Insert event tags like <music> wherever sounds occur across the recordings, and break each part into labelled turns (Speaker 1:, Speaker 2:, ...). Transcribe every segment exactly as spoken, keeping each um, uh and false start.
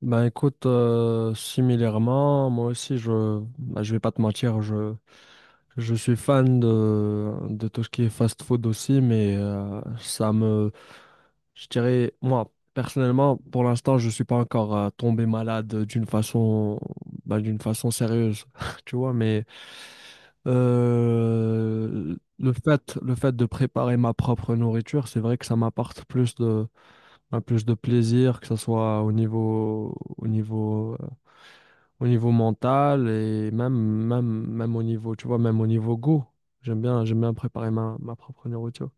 Speaker 1: Ben écoute, euh, similairement, moi aussi, je, ben, je vais pas te mentir, je, je suis fan de, de tout ce qui est fast-food aussi, mais euh, ça me, je dirais, moi, personnellement, pour l'instant, je suis pas encore euh, tombé malade d'une façon, ben, d'une façon sérieuse, <laughs> tu vois, mais euh, le fait, le fait de préparer ma propre nourriture, c'est vrai que ça m'apporte plus de, ben, plus de plaisir, que ce soit au niveau, au niveau au niveau mental et même, même, même au niveau, tu vois, même au niveau goût. J'aime bien, j'aime bien préparer ma, ma propre nourriture.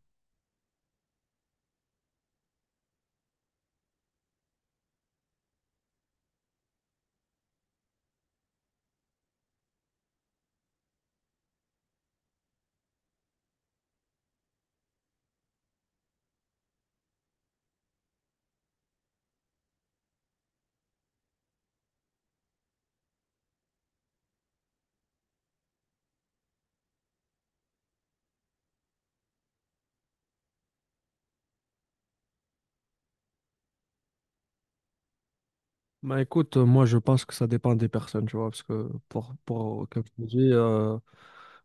Speaker 1: Bah écoute, euh, moi je pense que ça dépend des personnes, tu vois, parce que pour, pour comme je te dis, euh,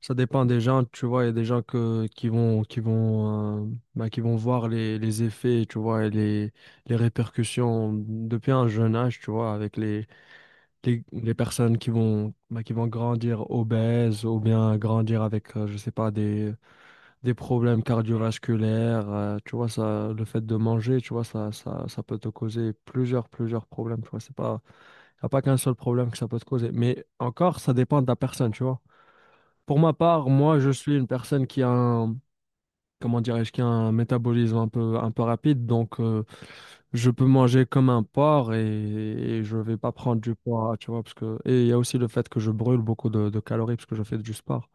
Speaker 1: ça dépend des gens, tu vois. Il y a des gens que, qui vont, qui vont, euh, bah, qui vont voir les, les effets, tu vois, et les, les répercussions depuis un jeune âge, tu vois, avec les, les, les personnes qui vont, bah, qui vont grandir obèses ou bien grandir avec, euh, je sais pas, des des problèmes cardiovasculaires, euh, tu vois. Ça, le fait de manger, tu vois, ça, ça, ça peut te causer plusieurs, plusieurs problèmes, tu vois. C'est pas, Y a pas qu'un seul problème que ça peut te causer. Mais encore, ça dépend de la personne, tu vois. Pour ma part, moi, je suis une personne qui a un, comment dirais-je, qui a un métabolisme un peu, un peu rapide, donc euh, je peux manger comme un porc et, et je vais pas prendre du poids, tu vois, parce que, et il y a aussi le fait que je brûle beaucoup de, de calories parce que je fais du sport.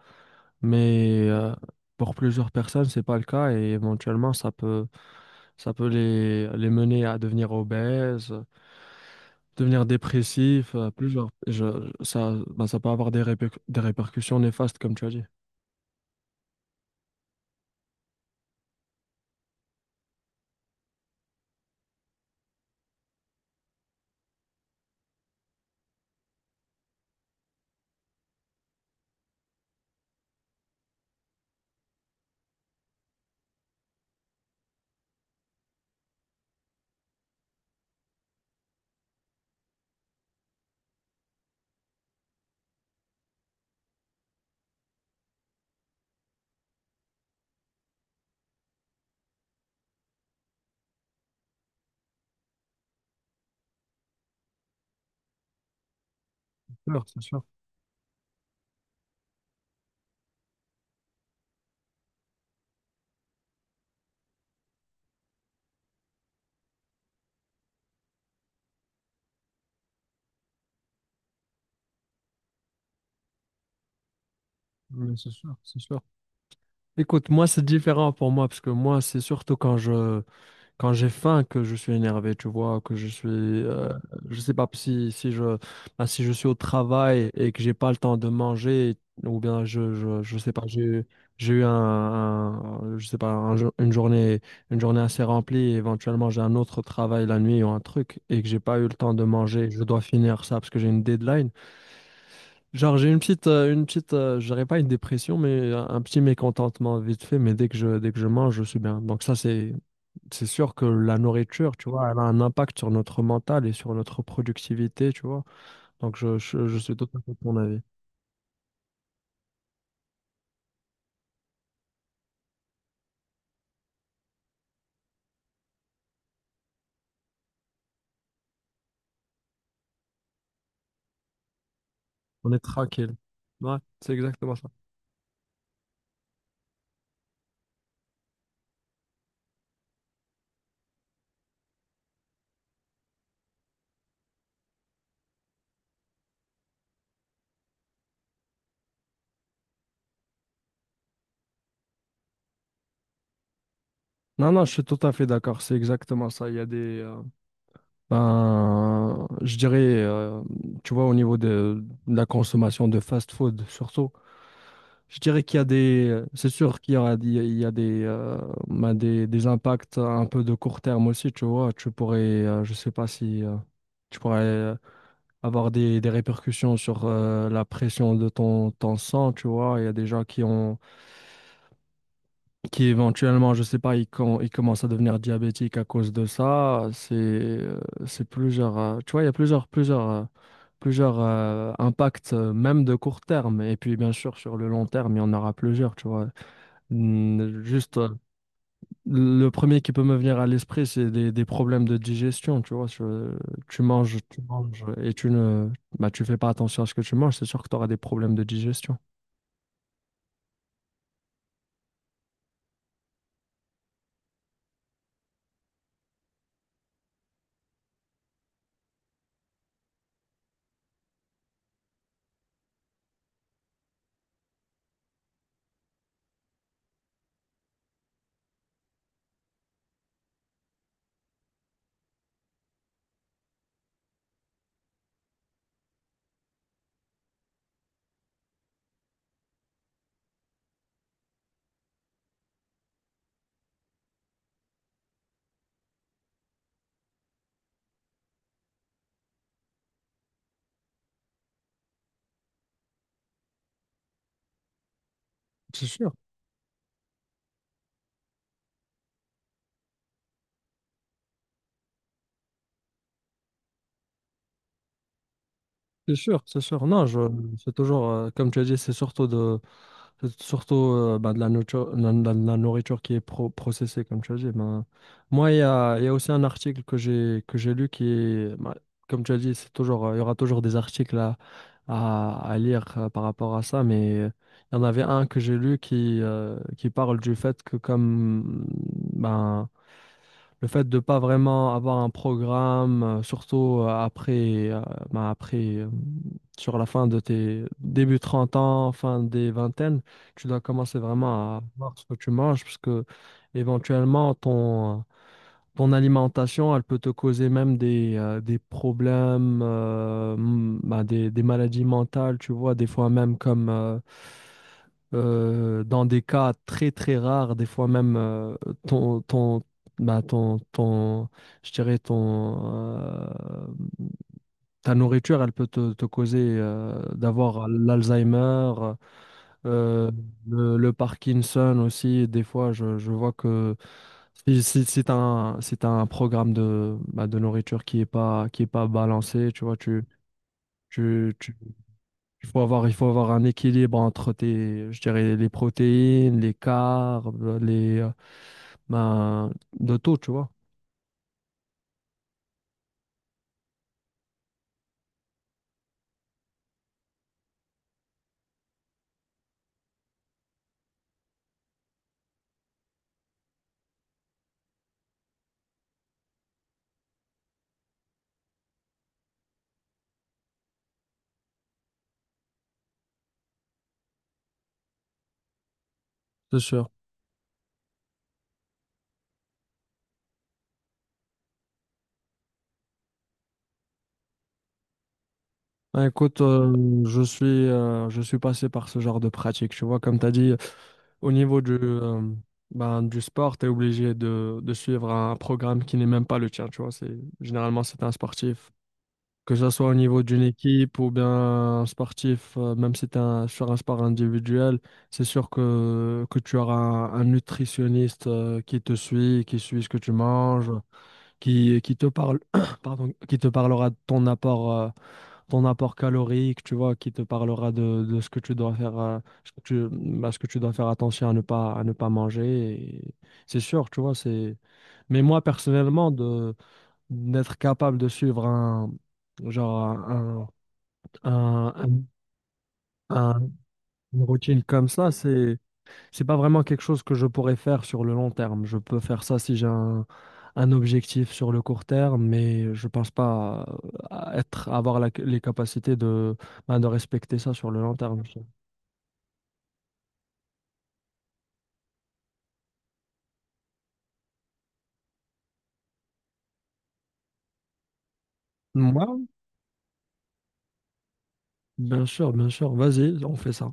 Speaker 1: Mais euh, pour plusieurs personnes, c'est pas le cas et éventuellement, ça peut, ça peut les, les mener à devenir obèses, euh, devenir dépressifs, euh, plusieurs. Je, ça, bah, ça peut avoir des, répercu- des répercussions néfastes, comme tu as dit. C'est sûr, c'est sûr. Mais c'est sûr, c'est sûr. Écoute, moi, c'est différent pour moi parce que moi, c'est surtout quand je, quand j'ai faim que je suis énervé, tu vois, que je suis, euh, je sais pas si, si je, bah, si je suis au travail et que j'ai pas le temps de manger, ou bien je, je, je sais pas, j'ai, eu- j'ai eu un, un- je sais pas, un jour- une journée, une journée assez remplie, et éventuellement j'ai un autre travail la nuit ou un truc et que j'ai pas eu le temps de manger, je dois finir ça parce que j'ai une deadline. Genre j'ai une petite, euh, une petite, euh, je dirais pas une dépression, mais un, un petit mécontentement vite fait, mais dès que je, dès que je mange, je suis bien. Donc ça c'est c'est sûr que la nourriture, tu vois, elle a un impact sur notre mental et sur notre productivité, tu vois. Donc, je, je, je suis tout à fait de ton avis. On est tranquille. Ouais, c'est exactement ça. Non, non, je suis tout à fait d'accord. C'est exactement ça. Il y a des. Euh, ben, Je dirais, euh, tu vois, au niveau de, de la consommation de fast-food, surtout, je dirais qu'il y a des. C'est sûr qu'il y aura, il y a il y a des, euh, ben, des, des impacts un peu de court terme aussi, tu vois. Tu pourrais, euh, je sais pas si. Euh, tu pourrais avoir des, des répercussions sur euh, la pression de ton, ton sang, tu vois. Il y a des gens qui ont, qui éventuellement, je sais pas, ils, com- ils commencent à devenir diabétiques à cause de ça. C'est, euh, c'est plusieurs, euh, tu vois, il y a plusieurs, plusieurs, euh, plusieurs euh, impacts, euh, même de court terme. Et puis, bien sûr, sur le long terme, il y en aura plusieurs, tu vois. Mm, juste le premier qui peut me venir à l'esprit, c'est des, des problèmes de digestion, tu vois. Je- tu manges, tu manges et tu ne, bah, tu fais pas attention à ce que tu manges, c'est sûr que tu auras des problèmes de digestion. C'est sûr, c'est sûr, c'est sûr. Non, je, c'est toujours, euh, comme tu as dit, c'est surtout de, Surtout euh, ben, de la nourriture, la, la- la nourriture qui est pro- processée, comme tu as dit. Ben, moi, il y a, il y a aussi un article que j'ai que j'ai lu qui est, ben, comme tu as dit, c'est toujours, euh, il y aura toujours des articles à, à, à lire euh, par rapport à ça, mais euh, il y en avait un que j'ai lu qui, euh, qui parle du fait que comme ben, le fait de pas vraiment avoir un programme, euh, surtout euh, après, euh, bah, après euh, sur la fin de tes début trente ans, fin des vingtaines, tu dois commencer vraiment à voir ce que tu manges parce que éventuellement ton, ton alimentation, elle peut te causer même des, euh, des problèmes, euh, m- bah, des, des maladies mentales, tu vois, des fois même comme euh, euh, dans des cas très très rares, des fois même euh, ton, ton, bah, ton, ton, je dirais ton, euh, ta nourriture, elle peut te, te causer euh, d'avoir l'Alzheimer, euh, le, le Parkinson aussi, des fois, je, je vois que si, si, si t'as un, si t'as un programme de, bah, de nourriture qui est pas, qui est pas balancé, tu vois, tu, tu, tu- il faut avoir, il faut avoir un équilibre entre tes, je dirais, les protéines, les carbs, les, euh, ben, de tout, tu vois, c'est sûr. Ben, écoute, euh, je suis, euh, je suis passé par ce genre de pratique, tu vois, comme t'as dit. Au niveau du, euh, ben, du sport, tu es obligé de, de suivre un programme qui n'est même pas le tien, tu vois. C'est, généralement, c'est un sportif. Que ce soit au niveau d'une équipe ou bien un sportif, euh, même si tu un, sur un sport individuel, c'est sûr que, que tu auras un, un nutritionniste euh, qui te suit, qui suit ce que tu manges, qui, qui te parle, <coughs> <clears throat> pardon, qui te parlera de ton apport. Euh, ton apport calorique, tu vois, qui te parlera de, de ce que tu dois faire, euh, ce que tu, bah, ce que tu dois faire attention à ne pas, à ne pas manger. Et c'est sûr, tu vois, c'est... Mais moi, personnellement, de, d'être capable de suivre un, genre, un, un- un- un- une routine comme ça, c'est... C'est pas vraiment quelque chose que je pourrais faire sur le long terme. Je peux faire ça si j'ai un, un objectif sur le court terme, mais je pense pas à- à être, avoir la- les capacités de, ben, de respecter ça sur le long terme. Moi, bien sûr, bien sûr. Vas-y, on fait ça.